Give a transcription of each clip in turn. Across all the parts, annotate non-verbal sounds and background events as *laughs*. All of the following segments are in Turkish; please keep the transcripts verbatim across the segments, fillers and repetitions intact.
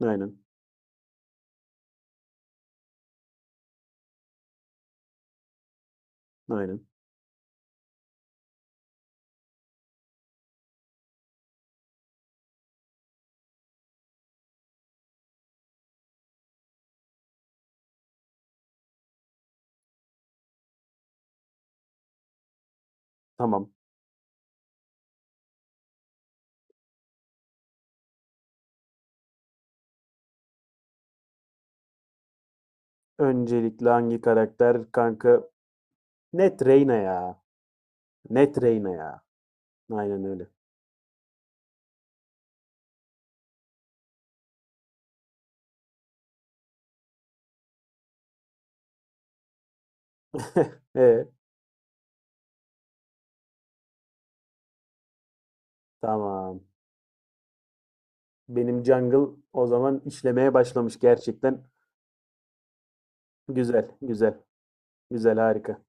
Aynen, aynen. Tamam. Öncelikle hangi karakter kanka? Net Reyna ya. Net Reyna ya. Aynen öyle. *laughs* E, tamam. Benim jungle o zaman işlemeye başlamış gerçekten. Güzel, güzel. Güzel, harika.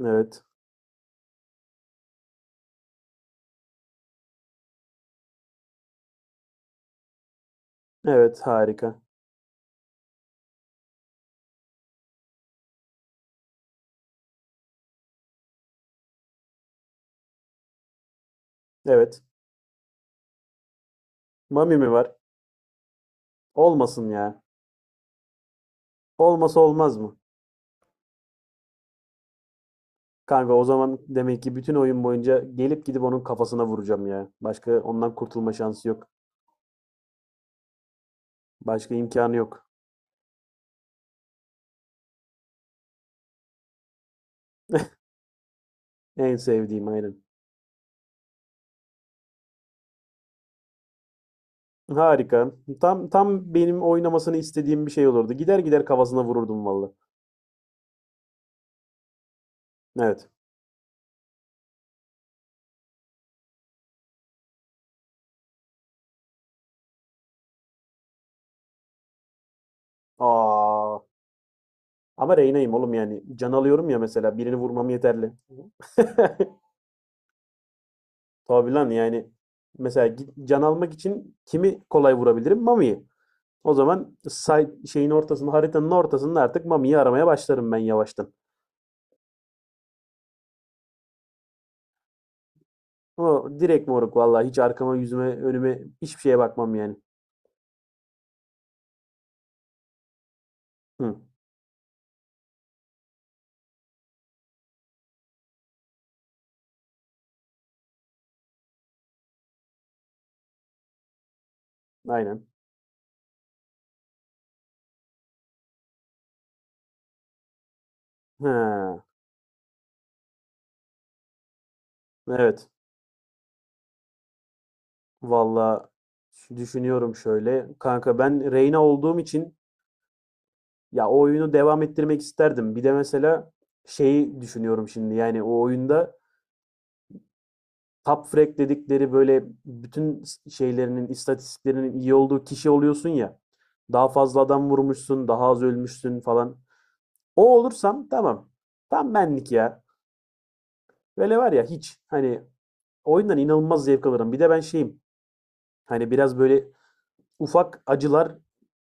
Evet. Evet, harika. Evet. Mami mi var? Olmasın ya. Olmasa olmaz mı? Kanka o zaman demek ki bütün oyun boyunca gelip gidip onun kafasına vuracağım ya. Başka ondan kurtulma şansı yok. Başka imkanı yok. En sevdiğim aynen. Harika. Tam tam benim oynamasını istediğim bir şey olurdu. Gider gider kafasına vururdum vallahi. Evet. Aa. Ama Reyna'yım oğlum yani. Can alıyorum ya mesela birini vurmam yeterli. *laughs* Tabii lan yani. Mesela gi- can almak için kimi kolay vurabilirim? Mami'yi. O zaman say şeyin ortasında, haritanın ortasında artık Mami'yi aramaya başlarım ben yavaştan. Ama direkt moruk vallahi hiç arkama, yüzüme, önüme hiçbir şeye bakmam yani. Hı, aynen. Ha, evet. Valla, düşünüyorum şöyle. Kanka ben Reyna olduğum için ya o oyunu devam ettirmek isterdim. Bir de mesela şeyi düşünüyorum şimdi, yani o oyunda top frag dedikleri böyle bütün şeylerinin istatistiklerinin iyi olduğu kişi oluyorsun ya. Daha fazla adam vurmuşsun, daha az ölmüşsün falan. O olursam tamam. Tam benlik ya. Böyle var ya, hiç hani oyundan inanılmaz zevk alırım. Bir de ben şeyim, hani biraz böyle ufak acılar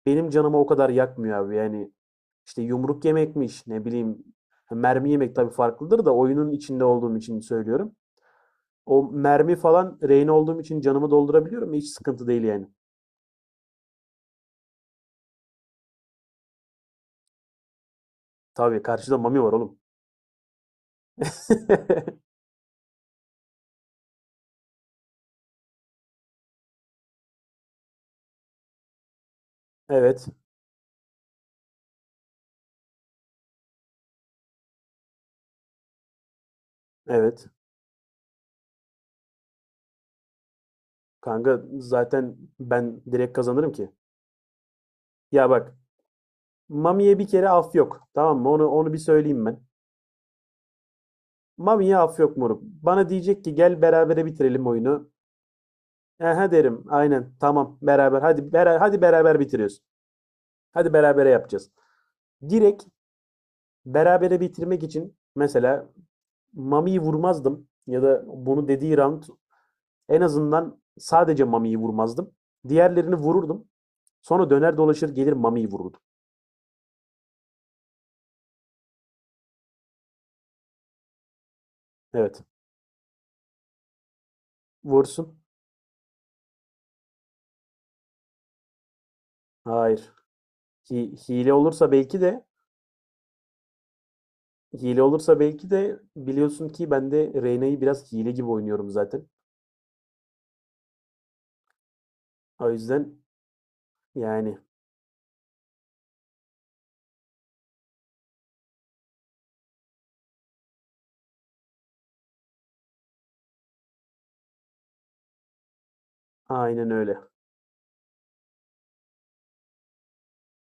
benim canımı o kadar yakmıyor abi. Yani işte yumruk yemekmiş, ne bileyim, mermi yemek tabii farklıdır da oyunun içinde olduğum için söylüyorum. O mermi falan rehine olduğum için canımı doldurabiliyorum. Hiç sıkıntı değil yani. Tabii karşıda mami var oğlum. *laughs* Evet, evet. Kanka zaten ben direkt kazanırım ki. Ya bak, Mami'ye bir kere af yok. Tamam mı? Onu onu bir söyleyeyim ben. Mami'ye af yok moruk. Bana diyecek ki gel berabere bitirelim oyunu. Aha derim. Aynen. Tamam. Beraber. Hadi beraber hadi beraber bitiriyoruz. Hadi berabere yapacağız. Direkt berabere bitirmek için mesela Mami'yi vurmazdım ya da bunu dediği round en azından sadece Mami'yi vurmazdım. Diğerlerini vururdum. Sonra döner dolaşır gelir Mami'yi vururdum. Evet. Vursun. Hayır. Hi- hile olursa belki de hile olursa belki de biliyorsun ki ben de Reyna'yı biraz hile gibi oynuyorum zaten. O yüzden yani aynen öyle.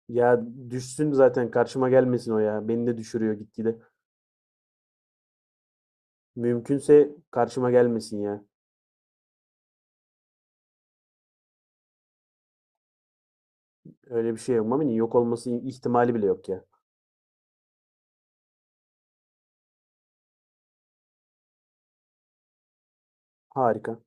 Ya düşsün zaten, karşıma gelmesin o ya. Beni de düşürüyor gitgide. Mümkünse karşıma gelmesin ya. Öyle bir şey yok. Mami'nin yok olması ihtimali bile yok ya. Harika.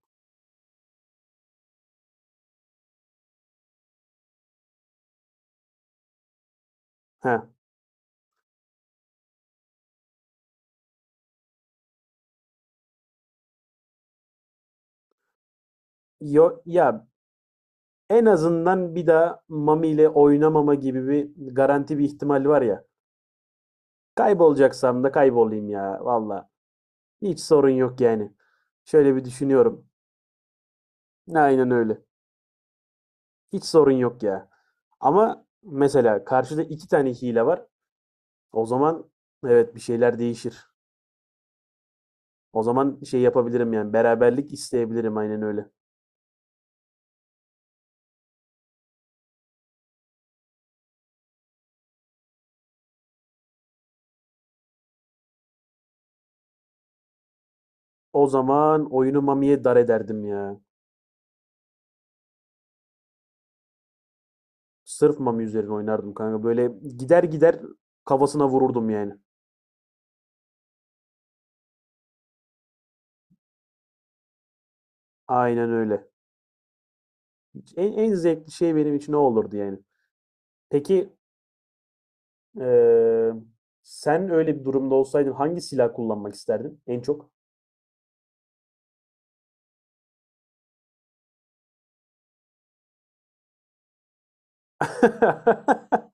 Ha. Yo, ya en azından bir daha Mami ile oynamama gibi bir garanti bir ihtimal var ya. Kaybolacaksam da kaybolayım ya. Valla. Hiç sorun yok yani. Şöyle bir düşünüyorum. Aynen öyle. Hiç sorun yok ya. Ama mesela karşıda iki tane hile var. O zaman evet bir şeyler değişir. O zaman şey yapabilirim, yani beraberlik isteyebilirim aynen öyle. O zaman oyunu Mami'ye dar ederdim ya. Sırf Mami üzerine oynardım kanka. Böyle gider gider kafasına vururdum yani. Aynen öyle. En, en zevkli şey benim için o olurdu yani. Peki eee, sen öyle bir durumda olsaydın hangi silah kullanmak isterdin en çok? *laughs*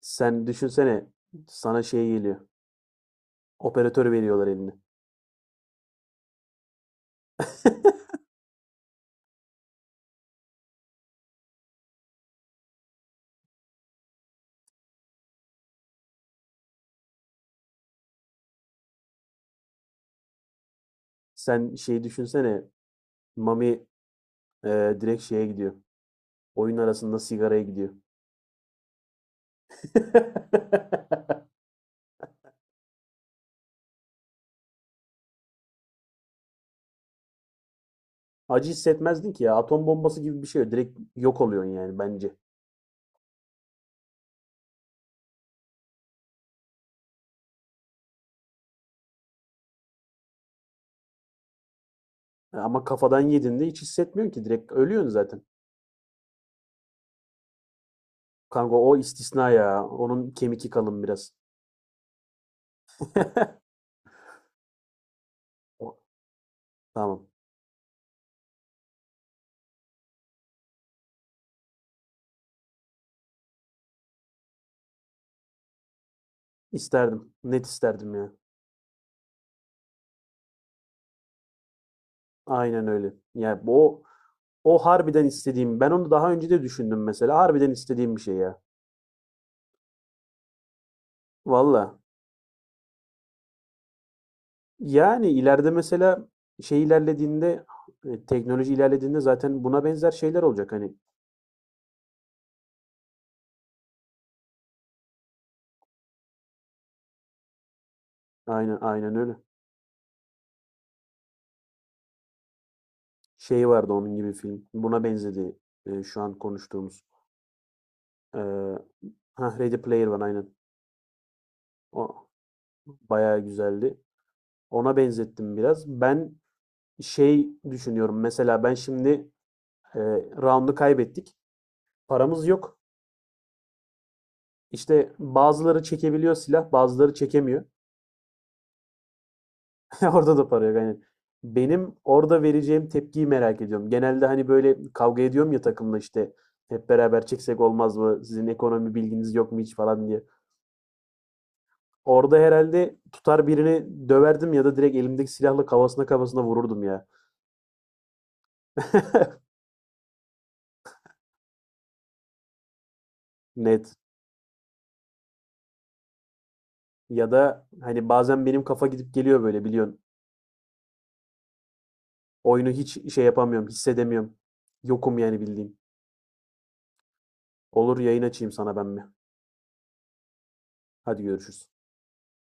Sen düşünsene sana şey geliyor. Operatör veriyorlar eline. *laughs* Sen şey düşünsene Mami eee, direkt şeye gidiyor. Oyun arasında sigaraya gidiyor. *laughs* Acı hissetmezdin ki ya. Atom bombası gibi bir şey. Direkt yok oluyorsun yani bence. Ama kafadan yediğinde hiç hissetmiyorsun ki. Direkt ölüyorsun zaten. Kanka o istisna ya. Onun kemiki kalın biraz. O- Tamam. İsterdim. Net isterdim ya. Aynen öyle. Ya bu o, o harbiden istediğim. Ben onu daha önce de düşündüm mesela. Harbiden istediğim bir şey ya. Valla. Yani ileride mesela şey ilerlediğinde e, teknoloji ilerlediğinde zaten buna benzer şeyler olacak. Hani aynen, aynen öyle. Şey vardı onun gibi film. Buna benzedi e, şu an konuştuğumuz. Ee, hah, Ready Player One aynen. O bayağı güzeldi. Ona benzettim biraz. Ben şey düşünüyorum. Mesela ben şimdi e, round'u kaybettik. Paramız yok. İşte bazıları çekebiliyor silah, bazıları çekemiyor. *laughs* Orada da para yok aynen. Benim orada vereceğim tepkiyi merak ediyorum. Genelde hani böyle kavga ediyorum ya takımla işte hep beraber çeksek olmaz mı? Sizin ekonomi bilginiz yok mu hiç falan diye. Orada herhalde tutar birini döverdim ya da direkt elimdeki silahla kafasına kafasına vururdum ya. *laughs* Net. Ya da hani bazen benim kafa gidip geliyor böyle biliyorsun. Oyunu hiç şey yapamıyorum, hissedemiyorum. Yokum yani bildiğin. Olur, yayın açayım sana ben mi? Hadi görüşürüz.